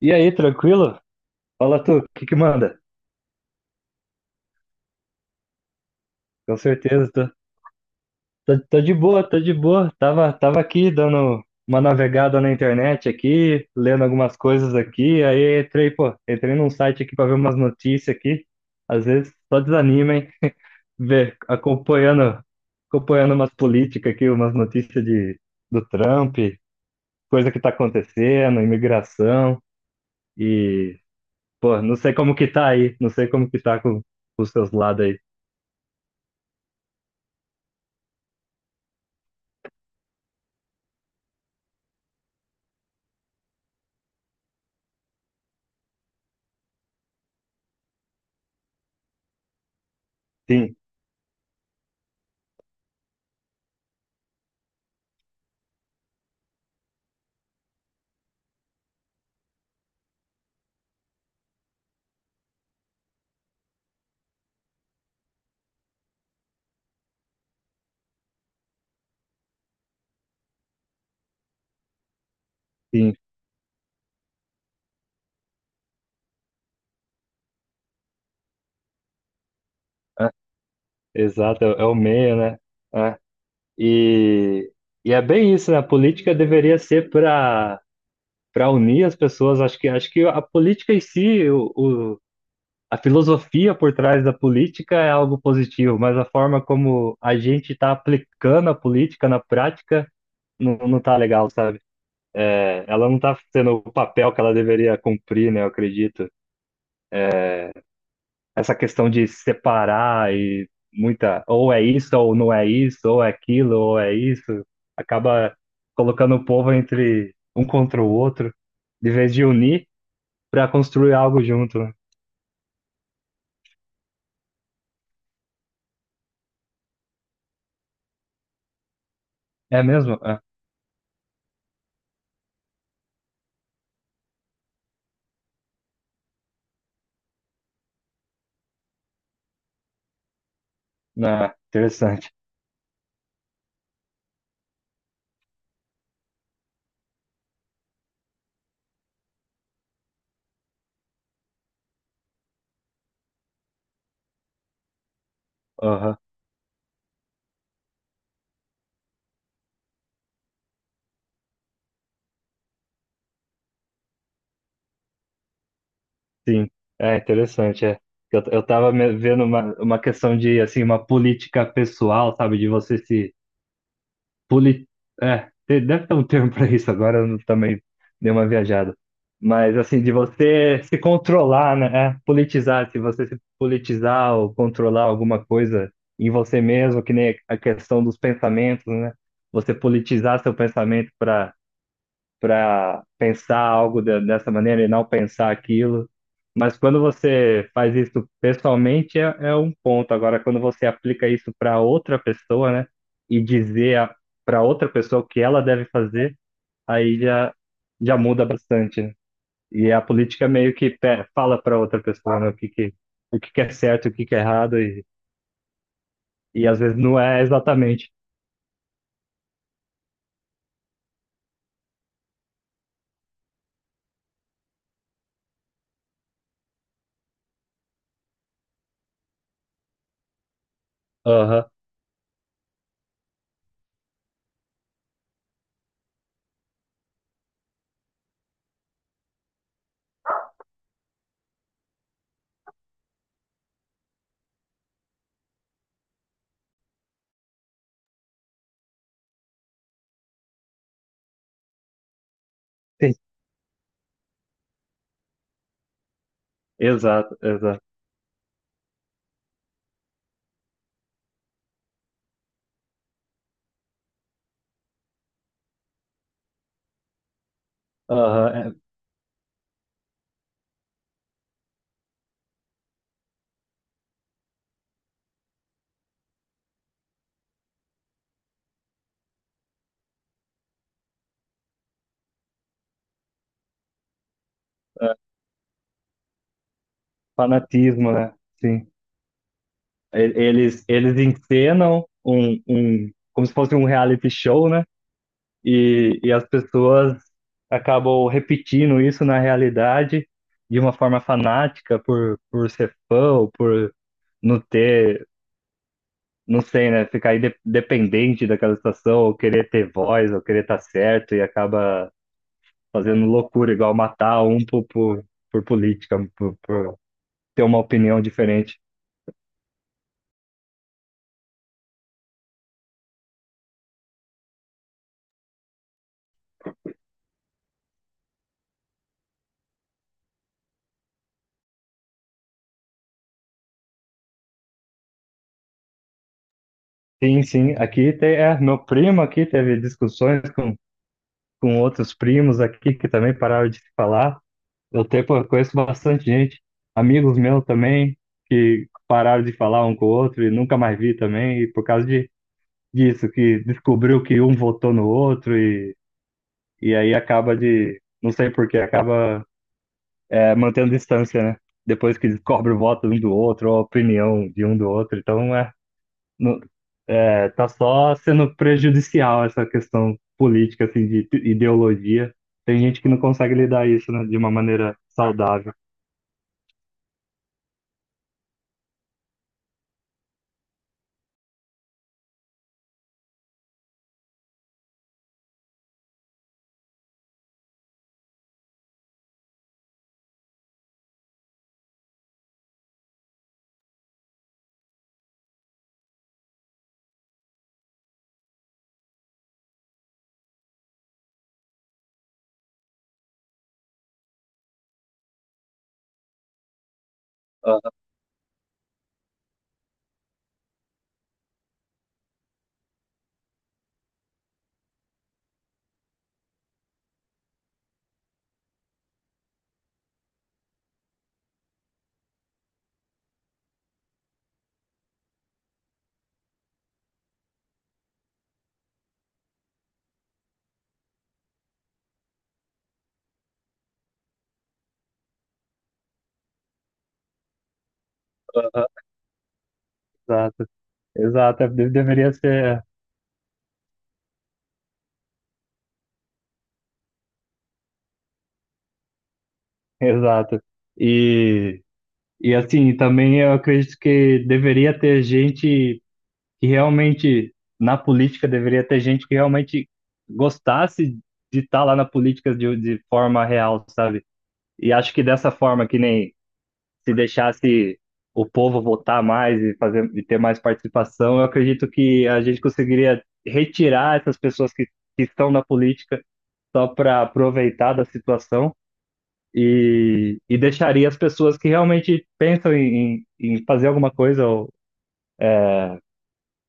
E aí, tranquilo? Fala tu, o que que manda? Com certeza, tô, tô de boa, tô de boa. Tava aqui dando uma navegada na internet aqui, lendo algumas coisas aqui, aí entrei, pô, entrei num site aqui pra ver umas notícias aqui. Às vezes só desanima, hein? Ver, acompanhando umas políticas aqui, umas notícias de, do Trump, coisa que tá acontecendo, imigração e, pô, não sei como que tá aí, não sei como que tá com os seus lados aí. Sim. Sim, é, exato, é, é o meio, né? É. E, e é bem isso, né? A política deveria ser para unir as pessoas. Acho que a política em si, o, o- a filosofia por trás da política é algo positivo, mas a forma como a gente está aplicando a política na prática não, não tá legal, sabe? É, ela não está sendo o papel que ela deveria cumprir, né? Eu acredito. Essa questão de separar e muita, ou é isso, ou não é isso, ou é aquilo, ou é isso, acaba colocando o povo entre um contra o outro, de vez de unir para construir algo junto, né? É mesmo? Ah, ah, interessante. Aham, sim, é interessante. É. Eu tava vendo uma questão de, assim, uma política pessoal, sabe, de você se Poli... É, deve ter um termo para isso, agora eu também dei uma viajada. Mas, assim, de você se controlar, né? É, politizar, se você se politizar ou controlar alguma coisa em você mesmo, que nem a questão dos pensamentos, né? Você politizar seu pensamento para pensar algo dessa maneira e não pensar aquilo. Mas quando você faz isso pessoalmente, é, é um ponto. Agora, quando você aplica isso para outra pessoa, né, e dizer para outra pessoa o que ela deve fazer, aí já, já muda bastante, né? E a política meio que fala para outra pessoa, né, o que que é certo, o que que é errado, e às vezes não é exatamente. Aham, sim. Exato, exato. Aham, é fanatismo, né? Sim. E- eles encenam um, um, como se fosse um reality show, né? E as pessoas acabam repetindo isso na realidade de uma forma fanática por ser fã ou por não ter, não sei, né? Ficar dependente daquela situação, ou querer ter voz, ou querer estar certo, e acaba fazendo loucura, igual matar um por política, por ter uma opinião diferente. Sim, sim. Aqui tem, é, meu primo aqui teve discussões com outros primos aqui que também pararam de se falar. Eu tenho, pô, eu conheço bastante gente, amigos meus também, que pararam de falar um com o outro e nunca mais vi também, e por causa de, disso, que descobriu que um votou no outro e aí acaba de, não sei por que, acaba é, mantendo distância, né? Depois que descobre o voto um do outro, ou a opinião de um do outro. Então, é, não, tá só sendo prejudicial essa questão política, assim, de ideologia. Tem gente que não consegue lidar isso, né, de uma maneira saudável. Aham, aham. Exato, exato, é, deveria ser, é, exato. E, e assim, também eu acredito que deveria ter gente que realmente, na política, deveria ter gente que realmente gostasse de estar lá na política de forma real, sabe? E acho que dessa forma, que nem se deixasse o povo votar mais e fazer e ter mais participação, eu acredito que a gente conseguiria retirar essas pessoas que estão na política só para aproveitar da situação e deixaria as pessoas que realmente pensam em, em em fazer alguma coisa ou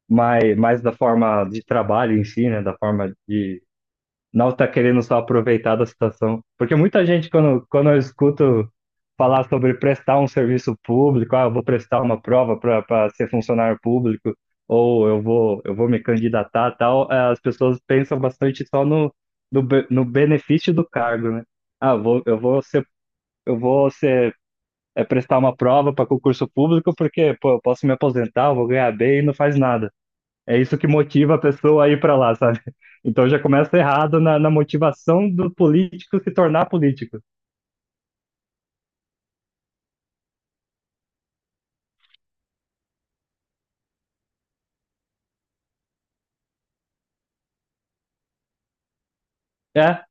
mais, mais da forma de trabalho em si, né, da forma de não tá querendo só aproveitar da situação. Porque muita gente, quando, quando eu escuto falar sobre prestar um serviço público, ah, eu vou prestar uma prova para ser funcionário público, ou eu vou me candidatar, tal, eh, as pessoas pensam bastante só no, no, no benefício do cargo, né? Ah, eu vou ser, eh, prestar uma prova para concurso público porque, pô, eu posso me aposentar, eu vou ganhar bem e não faz nada. É isso que motiva a pessoa a ir para lá, sabe? Então já começa errado na, na motivação do político se tornar político. É,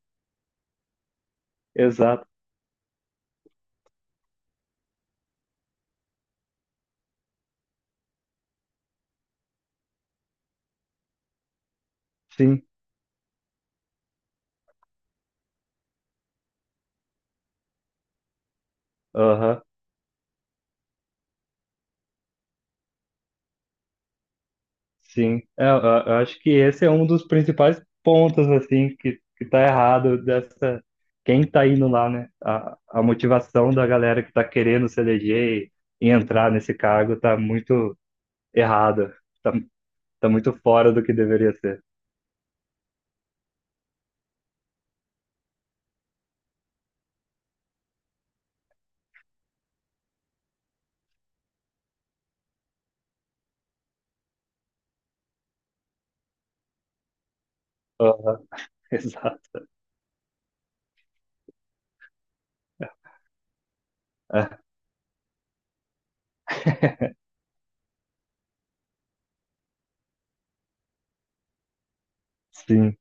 exato. Sim. Aham. Sim. É, eu, eu acho que esse é um dos principais pontos, assim, que tá errado dessa. Quem tá indo lá, né? A motivação da galera que tá querendo se eleger e entrar nesse cargo tá muito errada. Tá, tá muito fora do que deveria ser. Aham, exato. É, sim.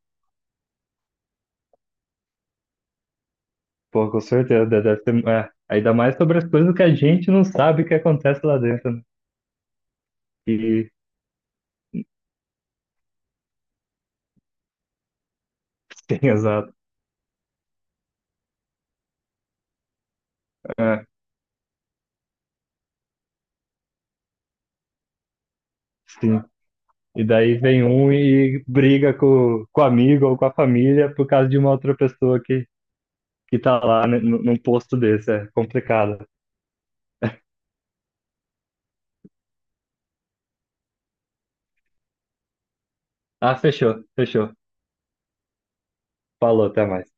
Pô, com certeza, deve ter, é, ainda mais sobre as coisas que a gente não sabe que acontece lá dentro, né? E sim, exato. É, sim. E daí vem um e briga com o amigo ou com a família por causa de uma outra pessoa que tá lá né, num num posto desse. É complicado. Ah, fechou, fechou. Falou, até mais.